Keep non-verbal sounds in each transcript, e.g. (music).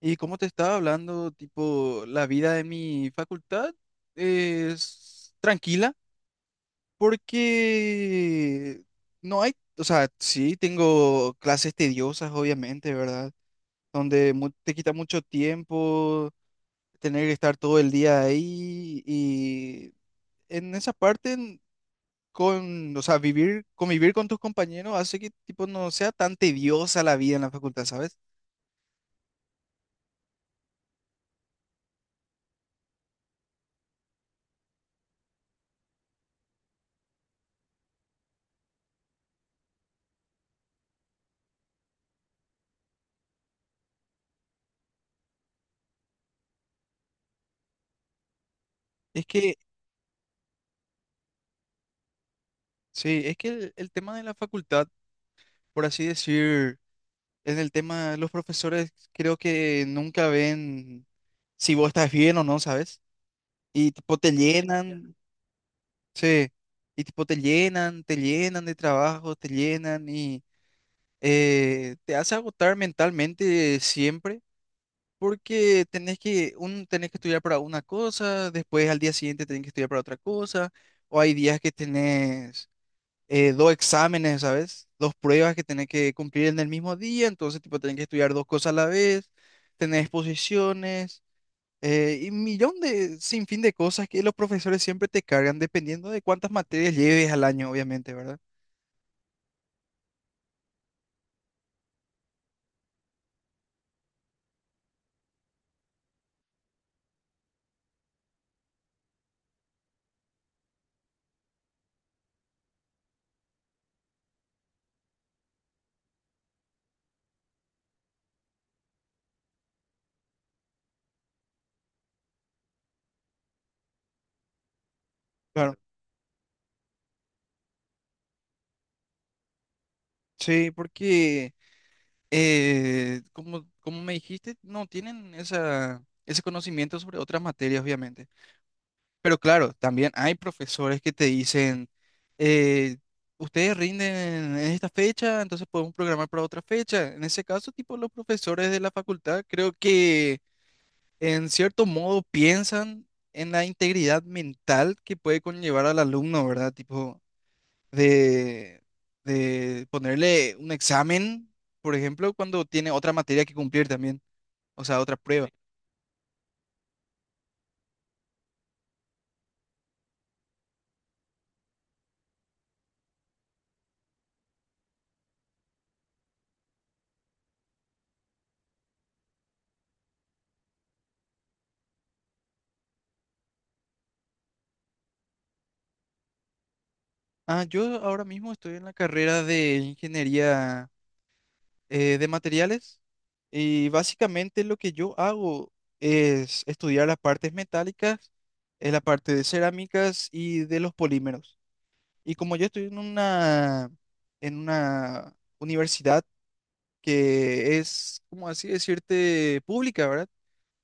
Y como te estaba hablando, tipo, la vida de mi facultad es tranquila porque no hay, o sea, sí tengo clases tediosas, obviamente, ¿verdad? Donde te quita mucho tiempo tener que estar todo el día ahí y en esa parte, con, o sea, convivir con tus compañeros hace que, tipo, no sea tan tediosa la vida en la facultad, ¿sabes? Es que, sí, es que el tema de la facultad, por así decir, en el tema, los profesores creo que nunca ven si vos estás bien o no, ¿sabes? Y tipo te llenan, sí, y tipo te llenan de trabajo, te llenan y te hace agotar mentalmente siempre. Porque tenés que estudiar para una cosa, después al día siguiente tenés que estudiar para otra cosa, o hay días que tenés dos exámenes, ¿sabes? Dos pruebas que tenés que cumplir en el mismo día, entonces, tipo, tenés que estudiar dos cosas a la vez, tener exposiciones, y sin fin de cosas que los profesores siempre te cargan, dependiendo de cuántas materias lleves al año, obviamente, ¿verdad? Claro, sí, porque, como me dijiste, no tienen esa, ese conocimiento sobre otras materias, obviamente. Pero claro, también hay profesores que te dicen, eh, ustedes rinden en esta fecha, entonces podemos programar para otra fecha. En ese caso, tipo, los profesores de la facultad creo que en cierto modo piensan en la integridad mental que puede conllevar al alumno, ¿verdad? Tipo, de, de ponerle un examen, por ejemplo, cuando tiene otra materia que cumplir también, o sea, otra prueba. Ah, yo ahora mismo estoy en la carrera de ingeniería, de materiales y básicamente lo que yo hago es estudiar las partes metálicas, la parte de cerámicas y de los polímeros. Y como yo estoy en una, universidad que es, como así decirte, pública, ¿verdad?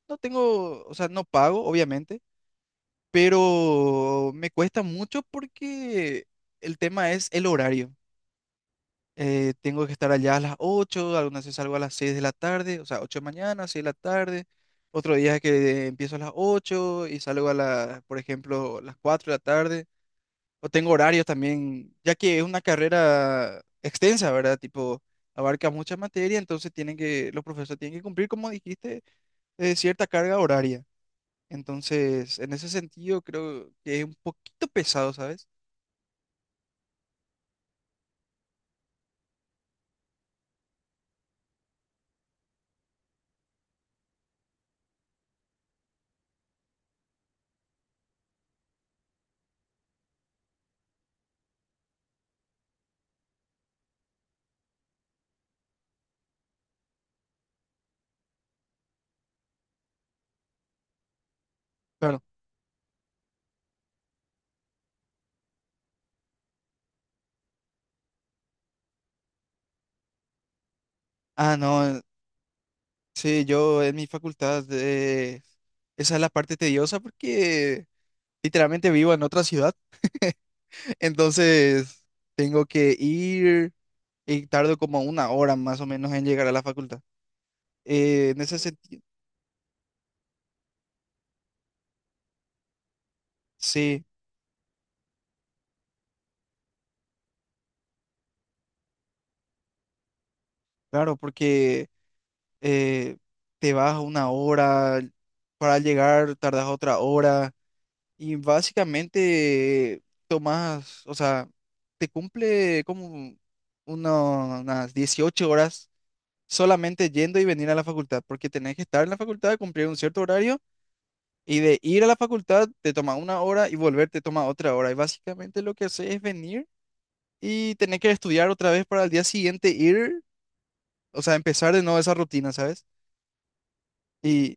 No tengo, o sea, no pago, obviamente, pero me cuesta mucho porque el tema es el horario. Tengo que estar allá a las 8, algunas veces salgo a las 6 de la tarde, o sea, 8 de mañana, 6 de la tarde. Otro día que empiezo a las 8 y salgo a las, por ejemplo, las 4 de la tarde. O tengo horarios también, ya que es una carrera extensa, ¿verdad? Tipo, abarca mucha materia, entonces tienen que, los profesores tienen que cumplir, como dijiste, cierta carga horaria. Entonces, en ese sentido, creo que es un poquito pesado, ¿sabes? Claro. Ah, no. Sí, yo en mi facultad, esa es la parte tediosa porque literalmente vivo en otra ciudad, (laughs) entonces tengo que ir y tardo como una hora más o menos en llegar a la facultad. En ese sentido, sí, claro, porque eh, te vas una hora, para llegar tardas otra hora y básicamente tomas, o sea, te cumple como unas 18 horas solamente yendo y venir a la facultad, porque tenés que estar en la facultad, cumplir un cierto horario y de ir a la facultad te toma una hora y volver te toma otra hora. Y básicamente lo que haces es venir y tenés que estudiar otra vez para el día siguiente ir, o sea, empezar de nuevo esa rutina, ¿sabes? Y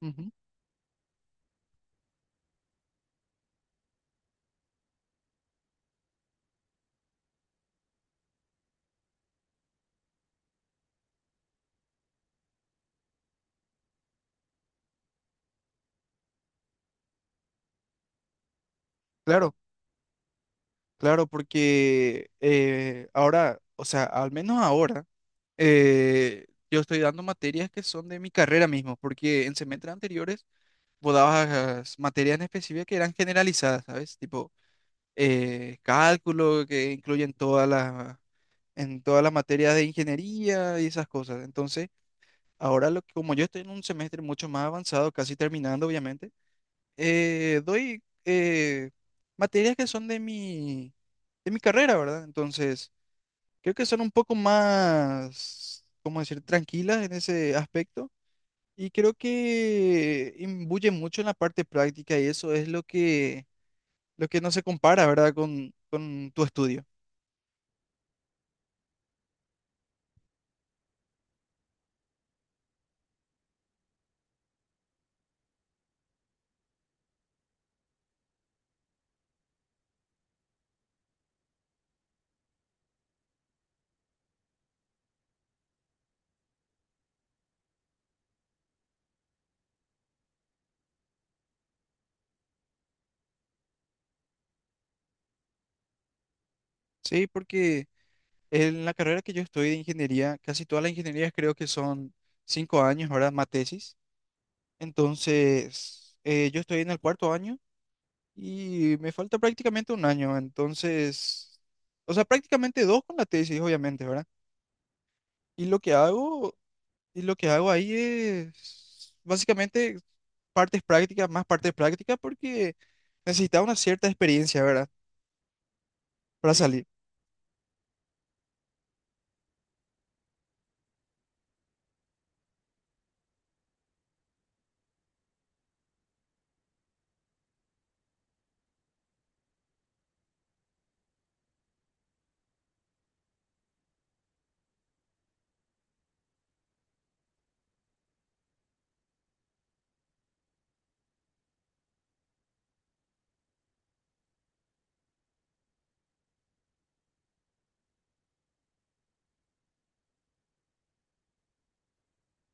ujú, claro, claro, porque ahora, o sea, al menos ahora, yo estoy dando materias que son de mi carrera mismo, porque en semestres anteriores vos dabas materias en específico que eran generalizadas, ¿sabes? Tipo, cálculo, que incluyen todas las, en todas las materias de ingeniería y esas cosas. Entonces, ahora como yo estoy en un semestre mucho más avanzado, casi terminando, obviamente, doy materias que son de mi carrera, ¿verdad? Entonces, creo que son un poco más, ¿cómo decir?, tranquilas en ese aspecto. Y creo que imbuye mucho en la parte práctica y eso es lo que no se compara, ¿verdad?, con tu estudio. Sí, porque en la carrera que yo estoy de ingeniería, casi todas las ingenierías creo que son 5 años, ¿verdad? Más tesis. Entonces, yo estoy en el cuarto año y me falta prácticamente un año. Entonces, o sea, prácticamente dos con la tesis, obviamente, ¿verdad? Y lo que hago, y lo que hago ahí es básicamente partes prácticas, más partes prácticas, porque necesitaba una cierta experiencia, ¿verdad? Para salir.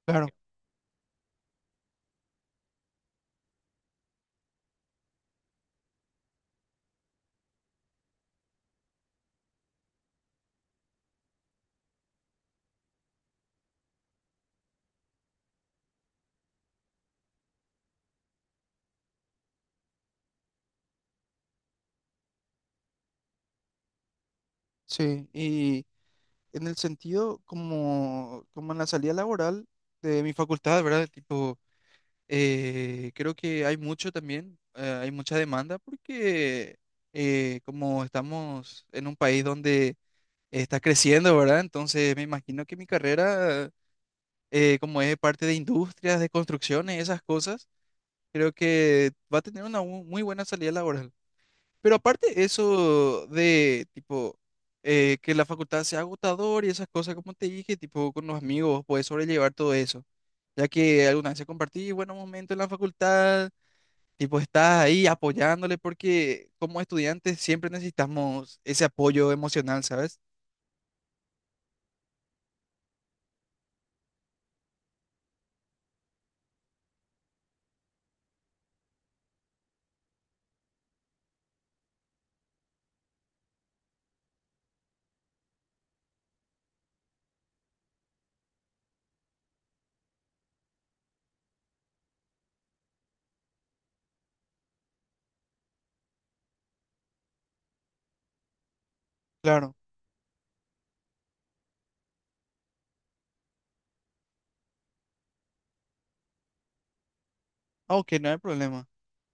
Claro, sí. Y en el sentido como, en la salida laboral de mi facultad, ¿verdad? Tipo, creo que hay mucho también, hay mucha demanda porque como estamos en un país donde está creciendo, ¿verdad? Entonces me imagino que mi carrera, como es parte de industrias, de construcciones, esas cosas, creo que va a tener una muy buena salida laboral. Pero aparte eso de tipo que la facultad sea agotador y esas cosas, como te dije, tipo con los amigos, puedes sobrellevar todo eso. Ya que alguna vez se compartí buenos momentos en la facultad, tipo estás ahí apoyándole porque como estudiantes siempre necesitamos ese apoyo emocional, ¿sabes? Claro. Ah, Ok, no hay problema.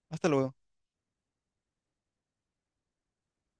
Hasta luego.